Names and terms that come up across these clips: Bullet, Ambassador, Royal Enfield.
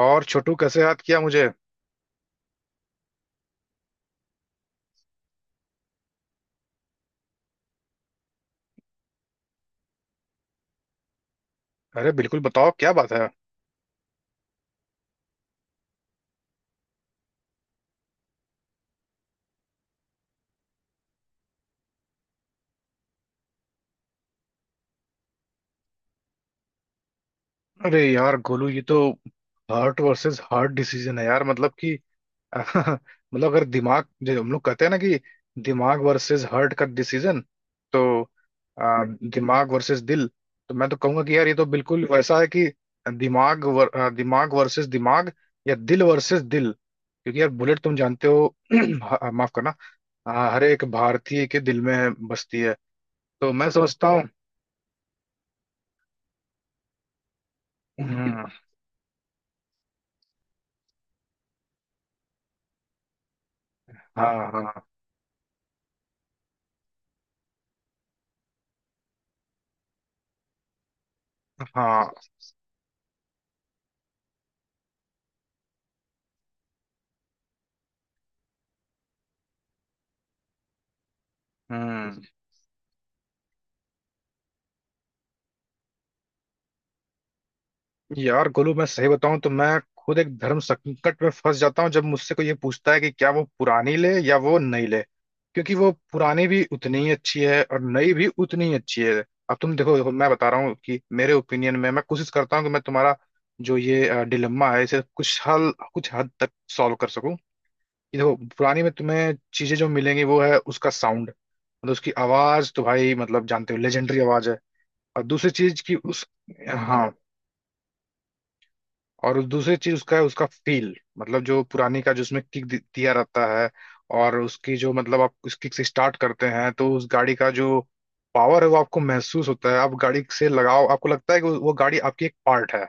और छोटू, कैसे याद किया मुझे? अरे बिल्कुल, बताओ क्या बात है। अरे यार गोलू, ये तो हार्ट वर्सेस हार्ट डिसीजन है यार। मतलब कि मतलब अगर दिमाग, जो हम लोग कहते हैं ना कि दिमाग वर्सेस हार्ट का डिसीजन। तो दिमाग वर्सेस दिल। तो मैं तो कहूंगा कि यार ये तो बिल्कुल वैसा है कि दिमाग वर्सेस दिमाग या दिल वर्सेस दिल। क्योंकि यार, बुलेट तुम जानते हो माफ करना। हर एक भारतीय के दिल में बसती है। तो मैं समझता हूँ। हम्म। हाँ हाँ हाँ। हम्म। यार गोलू, मैं सही बताऊं तो मैं खुद एक धर्म संकट में फंस जाता हूँ जब मुझसे कोई ये पूछता है कि क्या वो पुरानी ले या वो नई ले। क्योंकि वो पुरानी भी उतनी ही अच्छी है और नई भी उतनी ही अच्छी है। अब तुम देखो, देखो मैं बता रहा हूँ कि मेरे ओपिनियन में, मैं कोशिश करता हूँ कि मैं तुम्हारा जो ये डिलेम्मा है इसे कुछ हल, कुछ हद तक सॉल्व कर सकूं। कि देखो, पुरानी में तुम्हें चीजें जो मिलेंगी वो है उसका साउंड। मतलब उसकी आवाज तो भाई, मतलब जानते हो, लेजेंडरी आवाज है। और दूसरी चीज की उस, हाँ, और दूसरी चीज उसका है उसका फील। मतलब जो पुरानी का, जो उसमें किक दिया रहता है, और उसकी जो, मतलब आप उस किक से स्टार्ट करते हैं तो उस गाड़ी का जो पावर है वो आपको महसूस होता है। आप गाड़ी से लगाओ आपको लगता है कि वो गाड़ी आपकी एक पार्ट है।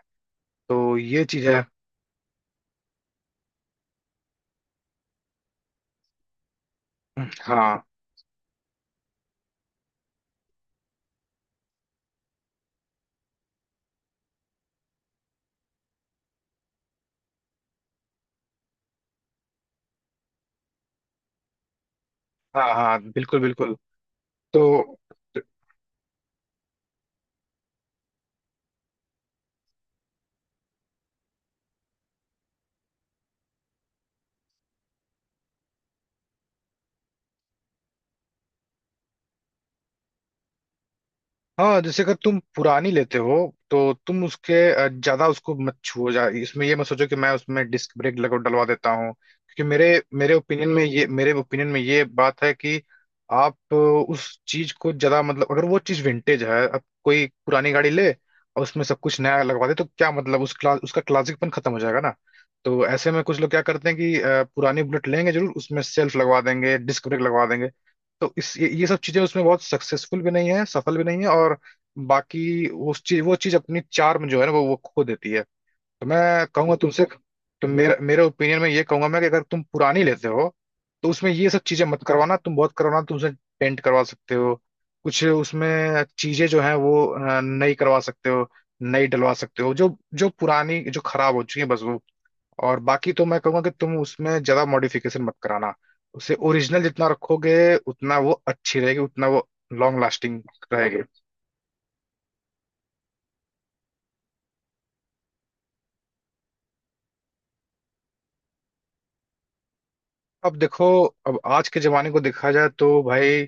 तो ये चीज है। हाँ हाँ। हाँ, बिल्कुल बिल्कुल। तो हाँ, जैसे अगर तुम पुरानी लेते हो तो तुम उसके ज्यादा उसको मत छुओ। जा इसमें ये मत सोचो कि मैं उसमें डिस्क ब्रेक लगा डलवा देता हूँ। क्योंकि मेरे मेरे ओपिनियन में ये, मेरे ओपिनियन में ये बात है कि आप उस चीज को ज्यादा, मतलब अगर वो चीज विंटेज है, अब कोई पुरानी गाड़ी ले और उसमें सब कुछ नया लगवा दे तो क्या मतलब उसका क्लासिकपन खत्म हो जाएगा ना। तो ऐसे में कुछ लोग क्या करते हैं कि पुरानी बुलेट लेंगे जरूर, उसमें सेल्फ लगवा देंगे, डिस्क ब्रेक लगवा देंगे। तो ये सब चीजें उसमें बहुत सक्सेसफुल भी नहीं है, सफल भी नहीं है, और बाकी उस चीज, वो चीज अपनी चार्म जो है ना, वो खो देती है। तो मैं कहूंगा तुमसे, तो मेरा, मेरे ओपिनियन में ये कहूंगा मैं कि अगर तुम पुरानी लेते हो तो उसमें ये सब चीजें मत करवाना। तुम बहुत करवाना तुमसे, पेंट करवा सकते हो, कुछ उसमें चीजें जो है वो नई करवा सकते हो, नई डलवा सकते हो जो जो पुरानी जो खराब हो चुकी है, बस। और बाकी तो मैं कहूंगा कि तुम उसमें ज्यादा मॉडिफिकेशन मत कराना। उसे ओरिजिनल जितना रखोगे उतना वो अच्छी रहेगी, उतना वो लॉन्ग लास्टिंग रहेगी। अब देखो, अब आज के जमाने को देखा जाए तो भाई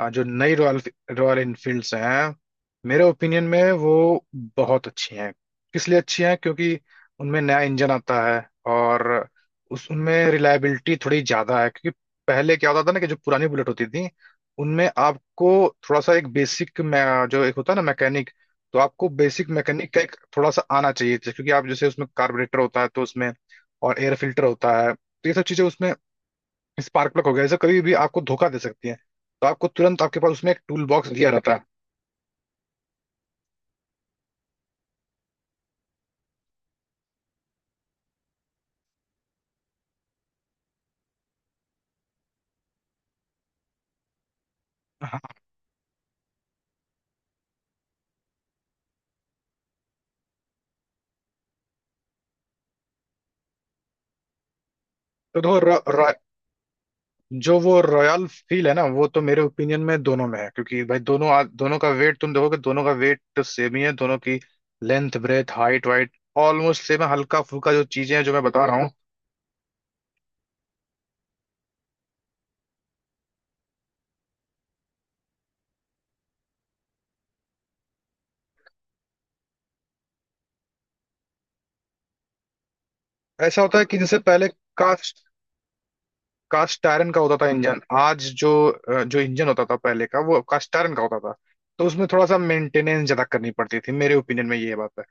जो नई रॉयल रॉयल इनफील्ड्स हैं, मेरे ओपिनियन में वो बहुत अच्छी हैं। किस लिए अच्छी हैं? क्योंकि उनमें नया इंजन आता है, और उस उनमें रिलायबिलिटी थोड़ी ज़्यादा है। क्योंकि पहले क्या होता था ना कि जो पुरानी बुलेट होती थी, उनमें आपको थोड़ा सा एक बेसिक, जो एक होता है ना मैकेनिक, तो आपको बेसिक मैकेनिक का एक थोड़ा सा आना चाहिए था। क्योंकि आप जैसे उसमें कार्बोरेटर होता है तो उसमें, और एयर फिल्टर होता है, तो ये सब चीज़ें उसमें, स्पार्क प्लग हो गया, जैसे कभी भी आपको धोखा दे सकती है। तो आपको तुरंत, आपके पास उसमें एक टूल बॉक्स दिया रहता है। हाँ। तो जो वो रॉयल फील है ना, वो तो मेरे ओपिनियन में दोनों में है। क्योंकि भाई दोनों दोनों का वेट तुम देखोगे, दोनों का वेट तो सेम ही है। दोनों की length, breadth, height, weight almost same है। हल्का फुल्का जो चीजें हैं जो मैं बता रहा हूँ। ऐसा होता है कि जिससे पहले कास्ट कास्ट आयरन का होता था इंजन। आज जो जो इंजन होता था पहले का वो कास्ट आयरन का होता था। तो उसमें थोड़ा सा मेंटेनेंस ज्यादा करनी पड़ती थी, मेरे ओपिनियन में ये बात है।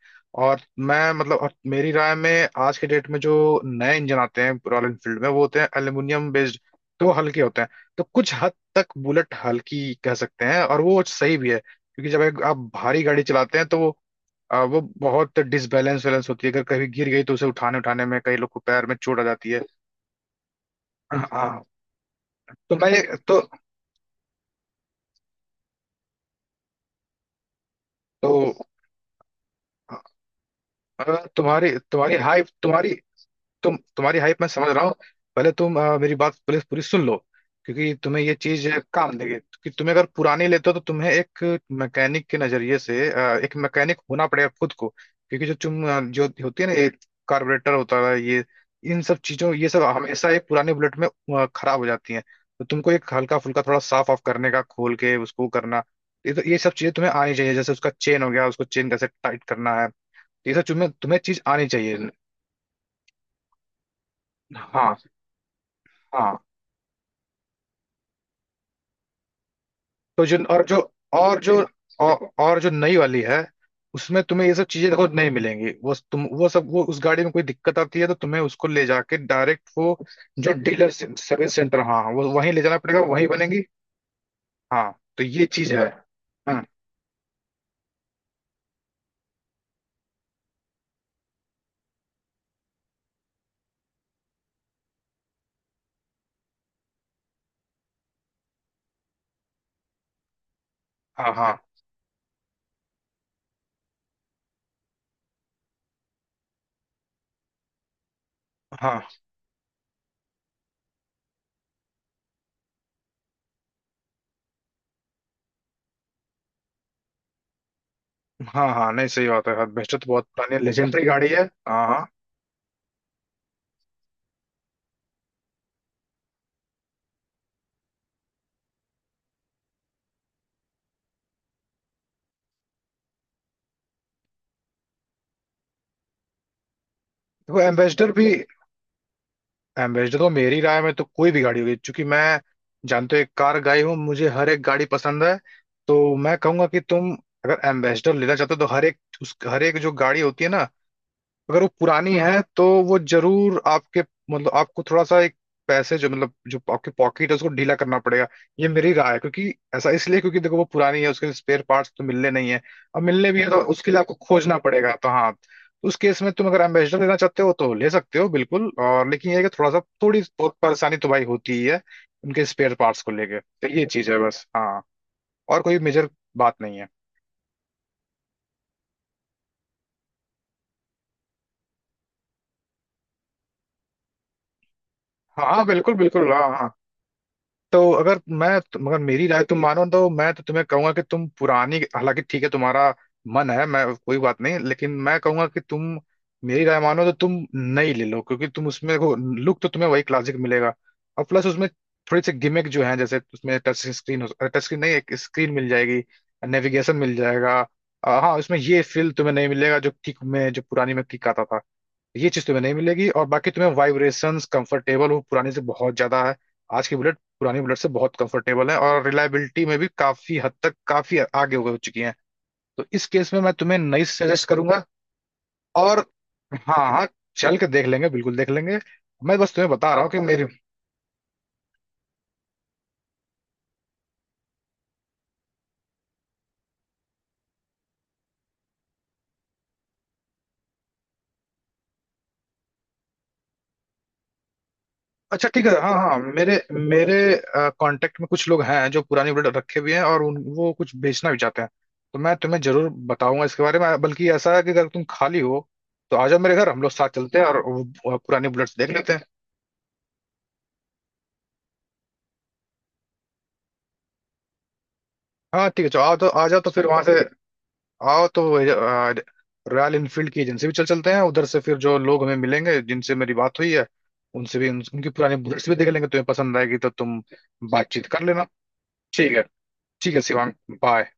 और मैं मतलब, और मेरी राय में आज के डेट में जो नए इंजन आते हैं रॉयल एनफील्ड में, वो होते हैं एल्यूमिनियम बेस्ड। तो वो हल्के होते हैं। तो कुछ हद तक बुलेट हल्की कह सकते हैं, और वो सही भी है क्योंकि जब एक आप भारी गाड़ी चलाते हैं तो वो वो बहुत डिसबैलेंस वैलेंस होती है। अगर कभी गिर गई तो उसे उठाने उठाने में कई लोग को पैर में चोट आ जाती है। हाँ। तो मैं ये- तो तुम्हारी, तुम्हारी हाइप, तुम्हारी, तुम्हारी हाइप मैं समझ रहा हूँ। पहले तुम मेरी बात पहले पूरी सुन लो। क्योंकि तुम्हें ये चीज काम देगी। कि तुम्हें अगर पुराने लेते हो तो तुम्हें एक मैकेनिक के नजरिए से, एक मैकेनिक होना पड़ेगा खुद को। क्योंकि जो तुम जो होती है ना ये कार्बोरेटर होता है, ये इन सब चीजों, ये सब हमेशा एक पुराने बुलेट में खराब हो जाती है। तो तुमको एक हल्का फुल्का थोड़ा साफ ऑफ करने का, खोल के उसको करना, ये तो ये सब चीजें तुम्हें आनी चाहिए। जैसे उसका चेन हो गया, उसको चेन कैसे टाइट करना है, तो ये सब तुम्हें, तुम्हें चीज आनी चाहिए। हाँ हाँ। तो और जो और जो नई वाली है, उसमें तुम्हें ये सब चीजें देखो नहीं मिलेंगी। वो तुम, वो सब, वो उस गाड़ी में कोई दिक्कत आती है तो तुम्हें उसको ले जाके डायरेक्ट वो, जो डीलर सर्विस सेंटर, हाँ हाँ, वो वहीं ले जाना पड़ेगा, वहीं बनेंगी। हाँ, तो ये चीज है। हाँ हाँ हाँ हाँ हाँ। हाँ, नहीं, सही बात है, एम्बेसडर तो बहुत पुरानी लेजेंडरी गाड़ी है। हाँ हाँ। देखो, एम्बेसडर भी, एम्बेसडर तो मेरी राय में तो कोई भी गाड़ी होगी, क्योंकि मैं, जानते हो, एक कार गाई हूँ, मुझे हर एक गाड़ी पसंद है। तो मैं कहूंगा कि तुम अगर एम्बेसडर लेना चाहते हो तो हर एक उस, हर एक जो गाड़ी होती है ना, अगर वो पुरानी है तो वो जरूर आपके, मतलब आपको थोड़ा सा एक पैसे, जो मतलब जो आपके पॉकेट है उसको ढीला करना पड़ेगा। ये मेरी राय है। क्योंकि ऐसा इसलिए क्योंकि देखो वो पुरानी है, उसके स्पेयर पार्ट्स तो मिलने नहीं है। और मिलने भी है तो उसके लिए आपको खोजना पड़ेगा। तो हाँ, तो उस केस में तुम अगर एम्बेसडर लेना चाहते हो तो ले सकते हो बिल्कुल। और लेकिन ये है कि थोड़ा सा, थोड़ी बहुत परेशानी तो भाई होती ही है उनके स्पेयर पार्ट्स को लेके। तो ये चीज है, बस। हाँ, और कोई मेजर बात नहीं है। हाँ हाँ, बिल्कुल बिल्कुल। हाँ हाँ। तो अगर मैं, मगर मेरी राय तुम मानो तो मैं तो तुम्हें कहूंगा कि तुम पुरानी, हालांकि ठीक है तुम्हारा मन है, मैं, कोई बात नहीं, लेकिन मैं कहूंगा कि तुम मेरी राय मानो तो तुम नई ले लो। क्योंकि तुम उसमें देखो, लुक तो तुम्हें वही क्लासिक मिलेगा, और प्लस उसमें थोड़ी सी गिमिक जो है, जैसे उसमें टच स्क्रीन, टच स्क्रीन नहीं, एक स्क्रीन मिल जाएगी, नेविगेशन मिल जाएगा। हाँ, उसमें ये फील तुम्हें नहीं मिलेगा जो किक में, जो पुरानी में किक आता था, ये चीज तुम्हें नहीं मिलेगी। और बाकी तुम्हें वाइब्रेशंस, कंफर्टेबल हो पुरानी से बहुत ज्यादा है, आज की बुलेट पुरानी बुलेट से बहुत कंफर्टेबल है, और रिलायबिलिटी में भी काफी हद तक काफी आगे हो चुकी है। तो इस केस में मैं तुम्हें नई सजेस्ट करूंगा। और हाँ हाँ, चल के देख लेंगे, बिल्कुल देख लेंगे। मैं बस तुम्हें बता रहा हूँ कि मेरी, अच्छा ठीक है, हाँ हाँ। मेरे मेरे कांटेक्ट में कुछ लोग हैं जो पुरानी ब्लेड रखे भी हैं, और वो कुछ बेचना भी चाहते हैं। तो मैं तुम्हें जरूर बताऊंगा इसके बारे में। बल्कि ऐसा है कि अगर तुम खाली हो तो आ जाओ मेरे घर, हम लोग साथ चलते हैं और वो पुरानी बुलेट्स देख लेते हैं। हाँ ठीक है, चलो आओ तो। आ जाओ तो फिर वहां से, आओ तो रॉयल इनफील्ड की एजेंसी भी चल चलते हैं उधर से। फिर जो लोग हमें मिलेंगे, जिनसे मेरी बात हुई है, उनसे भी उनकी पुरानी बुलेट्स भी देख लेंगे। तुम्हें पसंद आएगी तो तुम बातचीत कर लेना। ठीक है? ठीक है शिवांग, बाय।